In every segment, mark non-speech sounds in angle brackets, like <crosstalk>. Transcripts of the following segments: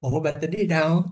Ủa bà tính đi đâu?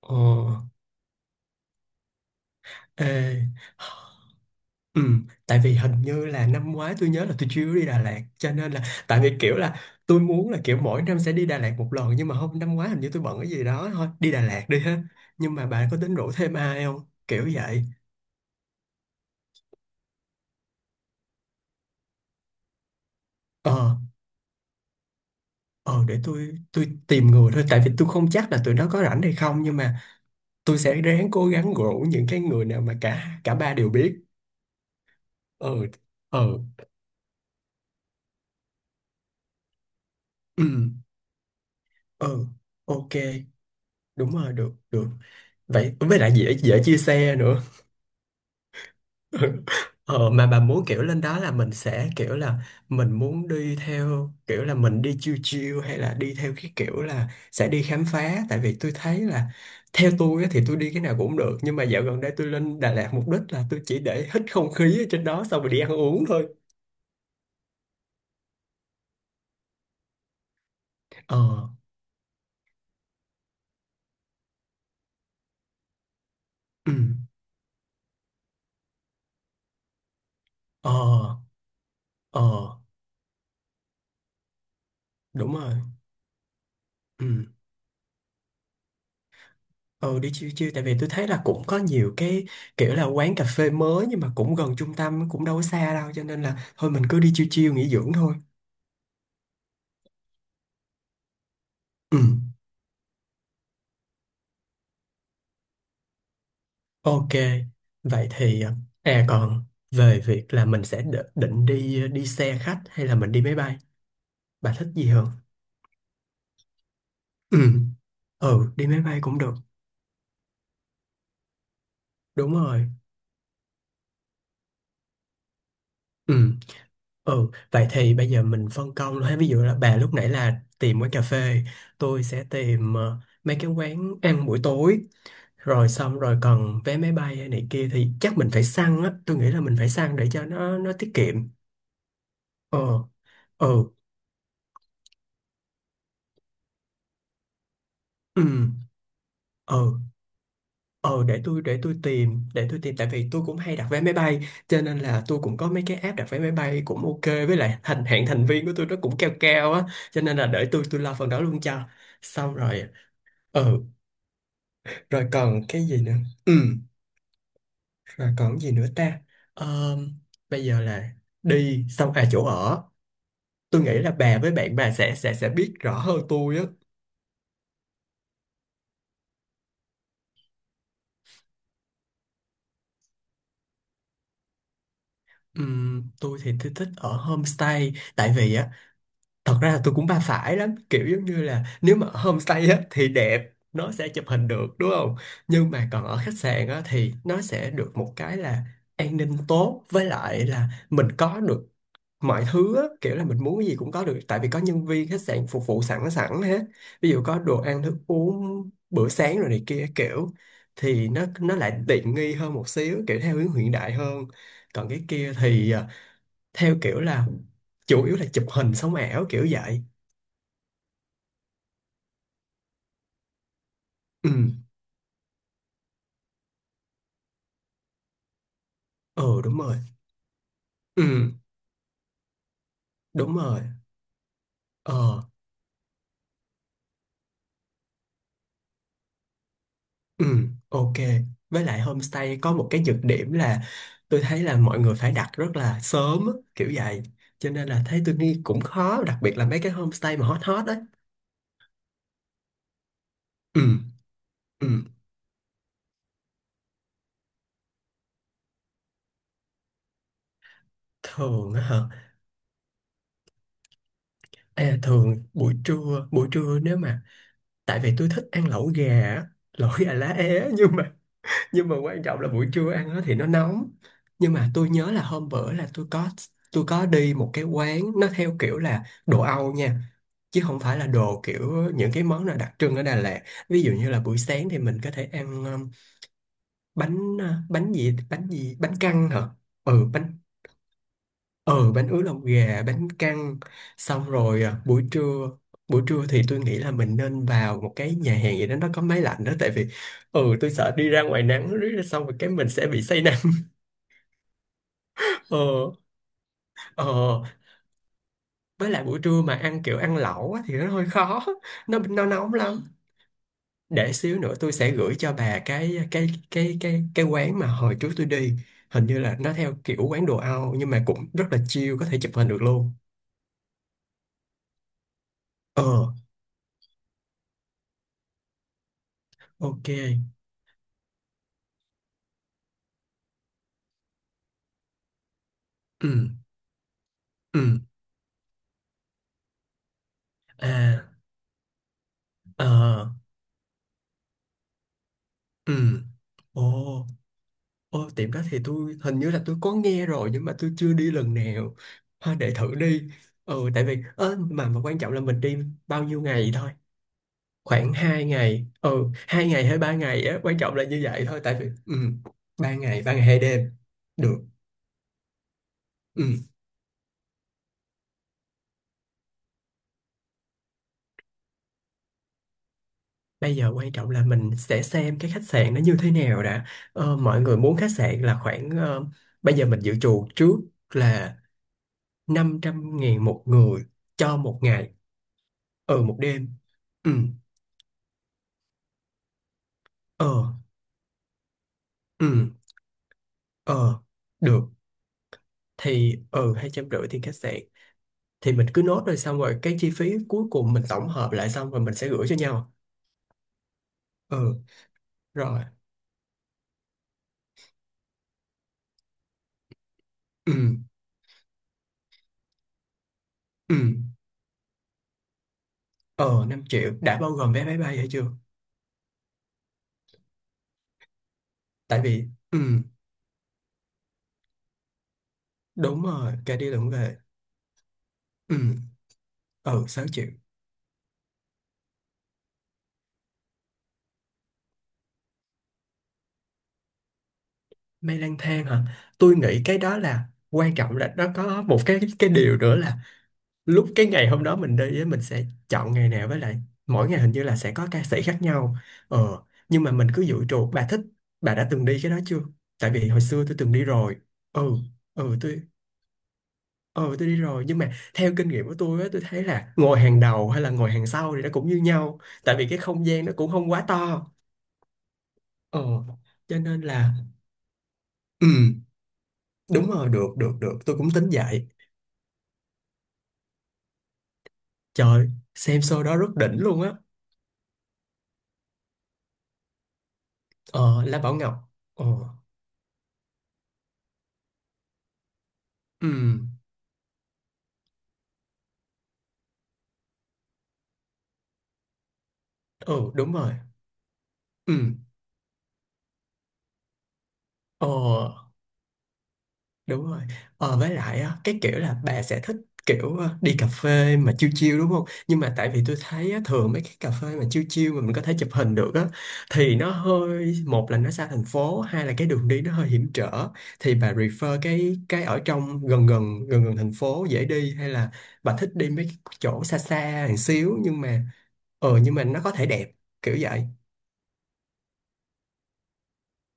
Ờ, ê, ừ, Tại vì hình như là năm ngoái tôi nhớ là tôi chưa đi Đà Lạt cho nên là tại vì kiểu là tôi muốn là kiểu mỗi năm sẽ đi Đà Lạt một lần, nhưng mà hôm năm ngoái hình như tôi bận cái gì đó. Thôi đi Đà Lạt đi ha, nhưng mà bà có tính rủ thêm ai không kiểu vậy? ờ ờ để tôi tìm người thôi, tại vì tôi không chắc là tụi nó có rảnh hay không, nhưng mà tôi sẽ ráng cố gắng rủ những cái người nào mà cả cả ba đều biết. Ừ ừ ừ ừ, ok, đúng rồi, được được. Vậy với lại dễ dễ chia xe nữa. <laughs> Ờ, mà bà muốn kiểu lên đó là mình sẽ kiểu là mình muốn đi theo kiểu là mình đi chill chill, hay là đi theo cái kiểu là sẽ đi khám phá? Tại vì tôi thấy là theo tôi á thì tôi đi cái nào cũng được, nhưng mà dạo gần đây tôi lên Đà Lạt mục đích là tôi chỉ để hít không khí ở trên đó xong rồi đi ăn uống thôi. Ờ, ừ, ờ ờ, đúng rồi, ừ. Ừ, đi chill chill, tại vì tôi thấy là cũng có nhiều cái kiểu là quán cà phê mới nhưng mà cũng gần trung tâm, cũng đâu có xa đâu, cho nên là thôi mình cứ đi chill chill nghỉ dưỡng thôi. Ừ. Ok. Vậy thì, à còn về việc là mình sẽ định đi đi xe khách hay là mình đi máy bay, bà thích gì hơn? Ừ. Ừ, đi máy bay cũng được. Đúng rồi. Ừ. Ừ, vậy thì bây giờ mình phân công luôn ha. Ví dụ là bà lúc nãy là tìm quán cà phê, tôi sẽ tìm mấy cái quán ăn buổi tối, rồi xong rồi còn vé máy bay hay này kia thì chắc mình phải săn á, tôi nghĩ là mình phải săn để cho nó tiết kiệm. Ờ ờ ừ ờ ờ, để tôi tìm tại vì tôi cũng hay đặt vé máy bay, cho nên là tôi cũng có mấy cái app đặt vé máy bay cũng ok, với lại thành hạng thành viên của tôi nó cũng cao cao á, cho nên là để tôi lo phần đó luôn cho. Xong rồi ờ, rồi còn cái gì nữa, ừ, rồi còn cái gì nữa ta. Ờ, bây giờ là đi xong à chỗ ở, tôi nghĩ là bà với bạn bà sẽ biết rõ hơn tôi á. Tôi thì tôi thích ở homestay, tại vì á thật ra là tôi cũng ba phải lắm, kiểu giống như là nếu mà ở homestay á thì đẹp, nó sẽ chụp hình được đúng không, nhưng mà còn ở khách sạn á thì nó sẽ được một cái là an ninh tốt, với lại là mình có được mọi thứ á, kiểu là mình muốn cái gì cũng có được, tại vì có nhân viên khách sạn phục vụ sẵn sẵn hết, ví dụ có đồ ăn thức uống bữa sáng rồi này kia kiểu, thì nó lại tiện nghi hơn một xíu, kiểu theo hướng hiện đại hơn. Còn cái kia thì à, theo kiểu là chủ yếu là chụp hình sống ảo kiểu vậy. Ừ, ừ, đúng rồi, ừ đúng rồi ờ. Ừ, ok. Với lại homestay có một cái nhược điểm là tôi thấy là mọi người phải đặt rất là sớm á, kiểu vậy. Cho nên là thấy tôi nghĩ cũng khó, đặc biệt là mấy cái homestay mà hot hot đấy. Ừ, ừ. Thường á hả? Ê, thường buổi trưa nếu mà, tại vì tôi thích ăn lẩu gà, á, lẩu gà lá é, nhưng mà quan trọng là buổi trưa ăn nó thì nó nóng. Nhưng mà tôi nhớ là hôm bữa là tôi có, tôi có đi một cái quán nó theo kiểu là đồ Âu nha, chứ không phải là đồ kiểu những cái món nào đặc trưng ở Đà Lạt. Ví dụ như là buổi sáng thì mình có thể ăn bánh bánh gì bánh căn hả. Ừ bánh, ừ bánh ướt lòng gà, bánh căn. Xong rồi buổi trưa, buổi trưa thì tôi nghĩ là mình nên vào một cái nhà hàng gì đó nó có máy lạnh đó, tại vì ừ tôi sợ đi ra ngoài nắng riết xong rồi cái mình sẽ bị say nắng. <laughs> Ờ ờ, với lại buổi trưa mà ăn kiểu ăn lẩu á, thì nó hơi khó, nó nóng lắm. Để xíu nữa tôi sẽ gửi cho bà cái quán mà hồi trước tôi đi, hình như là nó theo kiểu quán đồ Âu nhưng mà cũng rất là chill, có thể chụp hình được luôn. Ờ, ok, ừ ừ à ờ ừ ồ. Ô tiệm đó thì tôi hình như là tôi có nghe rồi nhưng mà tôi chưa đi lần nào, ha để thử đi. Ừ tại vì ơ, mà quan trọng là mình đi bao nhiêu ngày thôi. Khoảng 2 ngày, ừ 2 ngày hay 3 ngày á, quan trọng là như vậy thôi tại vì ừ, 3 ngày, 3 ngày 2 đêm. Được, ừ. Bây giờ quan trọng là mình sẽ xem cái khách sạn nó như thế nào đã. Ờ, mọi người muốn khách sạn là khoảng ờ, bây giờ mình dự trù trước là 500.000 một người cho một ngày. Ừ một đêm. Ừ ờ ừ ờ, được. Thì ừ 250 tiền khách sạn, thì mình cứ nốt rồi xong rồi cái chi phí cuối cùng mình tổng hợp lại xong rồi mình sẽ gửi cho nhau. Ừ. Rồi. <clears throat> Ừ. Ừ. Ờ 5 triệu đã bao gồm vé máy bay hay chưa? Tại vì ừ đúng rồi, cả đi lẫn về. Ừ. Ờ 6 triệu. Mây lang thang hả? Tôi nghĩ cái đó là quan trọng là nó có một cái điều nữa là lúc cái ngày hôm đó mình đi á, mình sẽ chọn ngày nào, với lại mỗi ngày hình như là sẽ có ca sĩ khác nhau. Ờ nhưng mà mình cứ dự trù, bà thích, bà đã từng đi cái đó chưa? Tại vì hồi xưa tôi từng đi rồi. Ừ. Ừ tôi, Ờ tôi đi rồi, nhưng mà theo kinh nghiệm của tôi á tôi thấy là ngồi hàng đầu hay là ngồi hàng sau thì nó cũng như nhau, tại vì cái không gian nó cũng không quá to. Ờ cho nên là ừ, đúng rồi, được được được, tôi cũng tính vậy. Trời xem show đó rất đỉnh luôn á. Ờ La Bảo Ngọc, ờ ừ ừ đúng rồi, ừ ờ đúng rồi. Ờ, với lại á, cái kiểu là bà sẽ thích kiểu ờ, đi cà phê mà chill chill đúng không, nhưng mà tại vì tôi thấy á, thường mấy cái cà phê mà chill chill mà mình có thể chụp hình được á thì nó hơi, một là nó xa thành phố, hai là cái đường đi nó hơi hiểm trở. Thì bà refer cái ở trong gần gần thành phố dễ đi, hay là bà thích đi mấy cái chỗ xa xa một xíu nhưng mà ờ, nhưng mà nó có thể đẹp, kiểu vậy.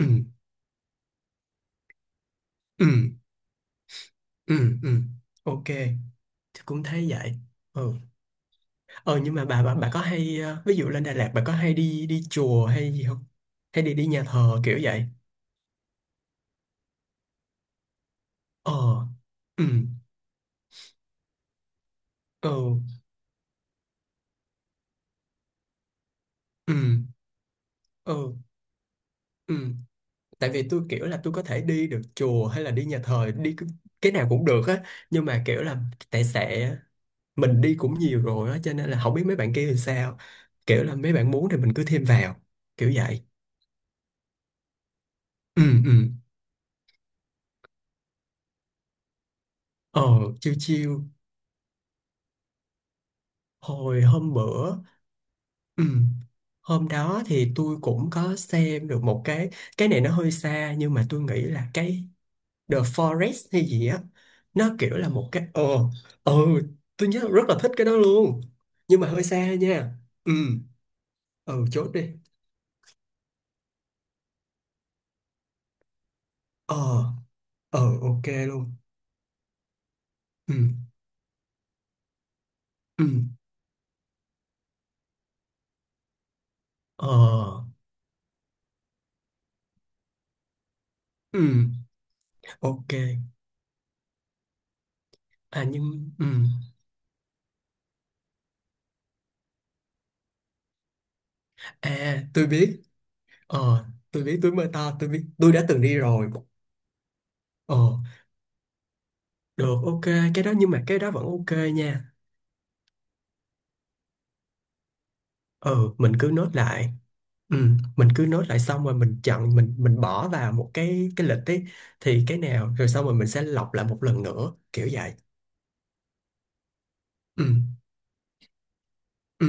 Ừ ừ ừ ừ ok, tôi cũng thấy vậy. Ừ. Ờ nhưng mà bà có hay ờ, ví dụ lên Đà Lạt bà có hay đi đi chùa hay gì không? Hay đi đi nhà thờ kiểu vậy? Ờ. Ừ. Ừ. Ừ. Ừ. Ừ. Tại vì tôi kiểu là tôi có thể đi được chùa hay là đi nhà thờ đi, cái nào cũng được á, nhưng mà kiểu là tại sẽ mình đi cũng nhiều rồi á, cho nên là không biết mấy bạn kia thì sao. Kiểu là mấy bạn muốn thì mình cứ thêm vào, kiểu vậy. Ừ ừ. Ờ chiêu chiêu hồi hôm bữa. Ừ. Hôm đó thì tôi cũng có xem được một cái này nó hơi xa nhưng mà tôi nghĩ là cái The Forest hay gì á, nó kiểu là một cái ờ, ờ tôi nhớ rất là thích cái đó luôn, nhưng mà hơi xa nha. Ừ ừ chốt đi, ờ ờ ok luôn. Ừ ừ ờ ừ ok. À nhưng ừ, à tôi biết, ờ tôi biết, tôi mơ to tôi biết, tôi đã từng đi rồi. Ờ, được, ok, cái đó nhưng mà cái đó vẫn ok nha. Ừ ừ, mình cứ nốt lại xong rồi mình chọn mình bỏ vào một cái lịch ấy, thì cái nào rồi xong rồi mình sẽ lọc lại một lần nữa kiểu vậy. Ừ, ừ,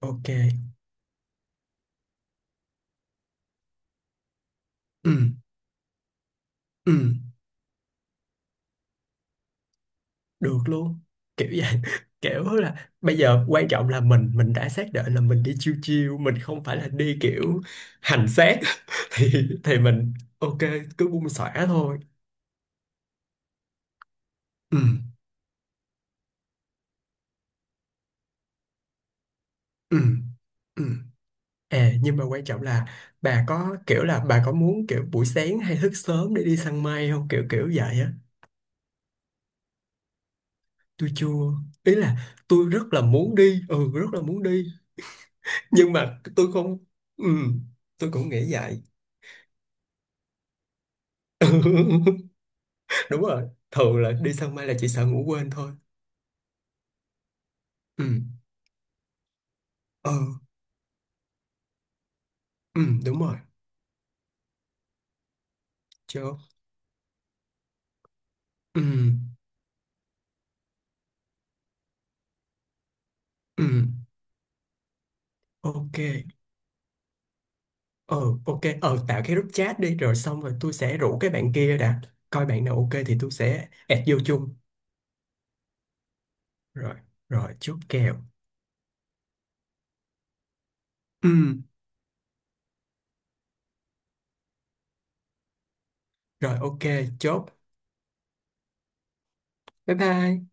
ok. Ừ, ừ, được luôn kiểu vậy. <laughs> Kiểu là bây giờ quan trọng là mình đã xác định là mình đi chill chill, mình không phải là đi kiểu hành xác. <laughs> Thì mình ok, cứ buông xõa thôi. Ừ, ừ, ừ. À, nhưng mà quan trọng là bà có kiểu là bà có muốn kiểu buổi sáng hay thức sớm để đi săn mây không, kiểu kiểu vậy á. Tôi chưa, ý là tôi rất là muốn đi, ừ rất là muốn đi, nhưng mà tôi không. Ừ tôi cũng nghĩ vậy. <laughs> Đúng rồi, thường là đi săn mây là chỉ sợ ngủ quên thôi. Ừ ừ ừ đúng rồi chứ. Ừ ừ ok, ờ ok. Ờ tạo cái group chat đi, rồi xong rồi tôi sẽ rủ cái bạn kia đã, coi bạn nào ok thì tôi sẽ add vô chung. Rồi, rồi chốt kèo. Ừ rồi ok, chốt, bye bye.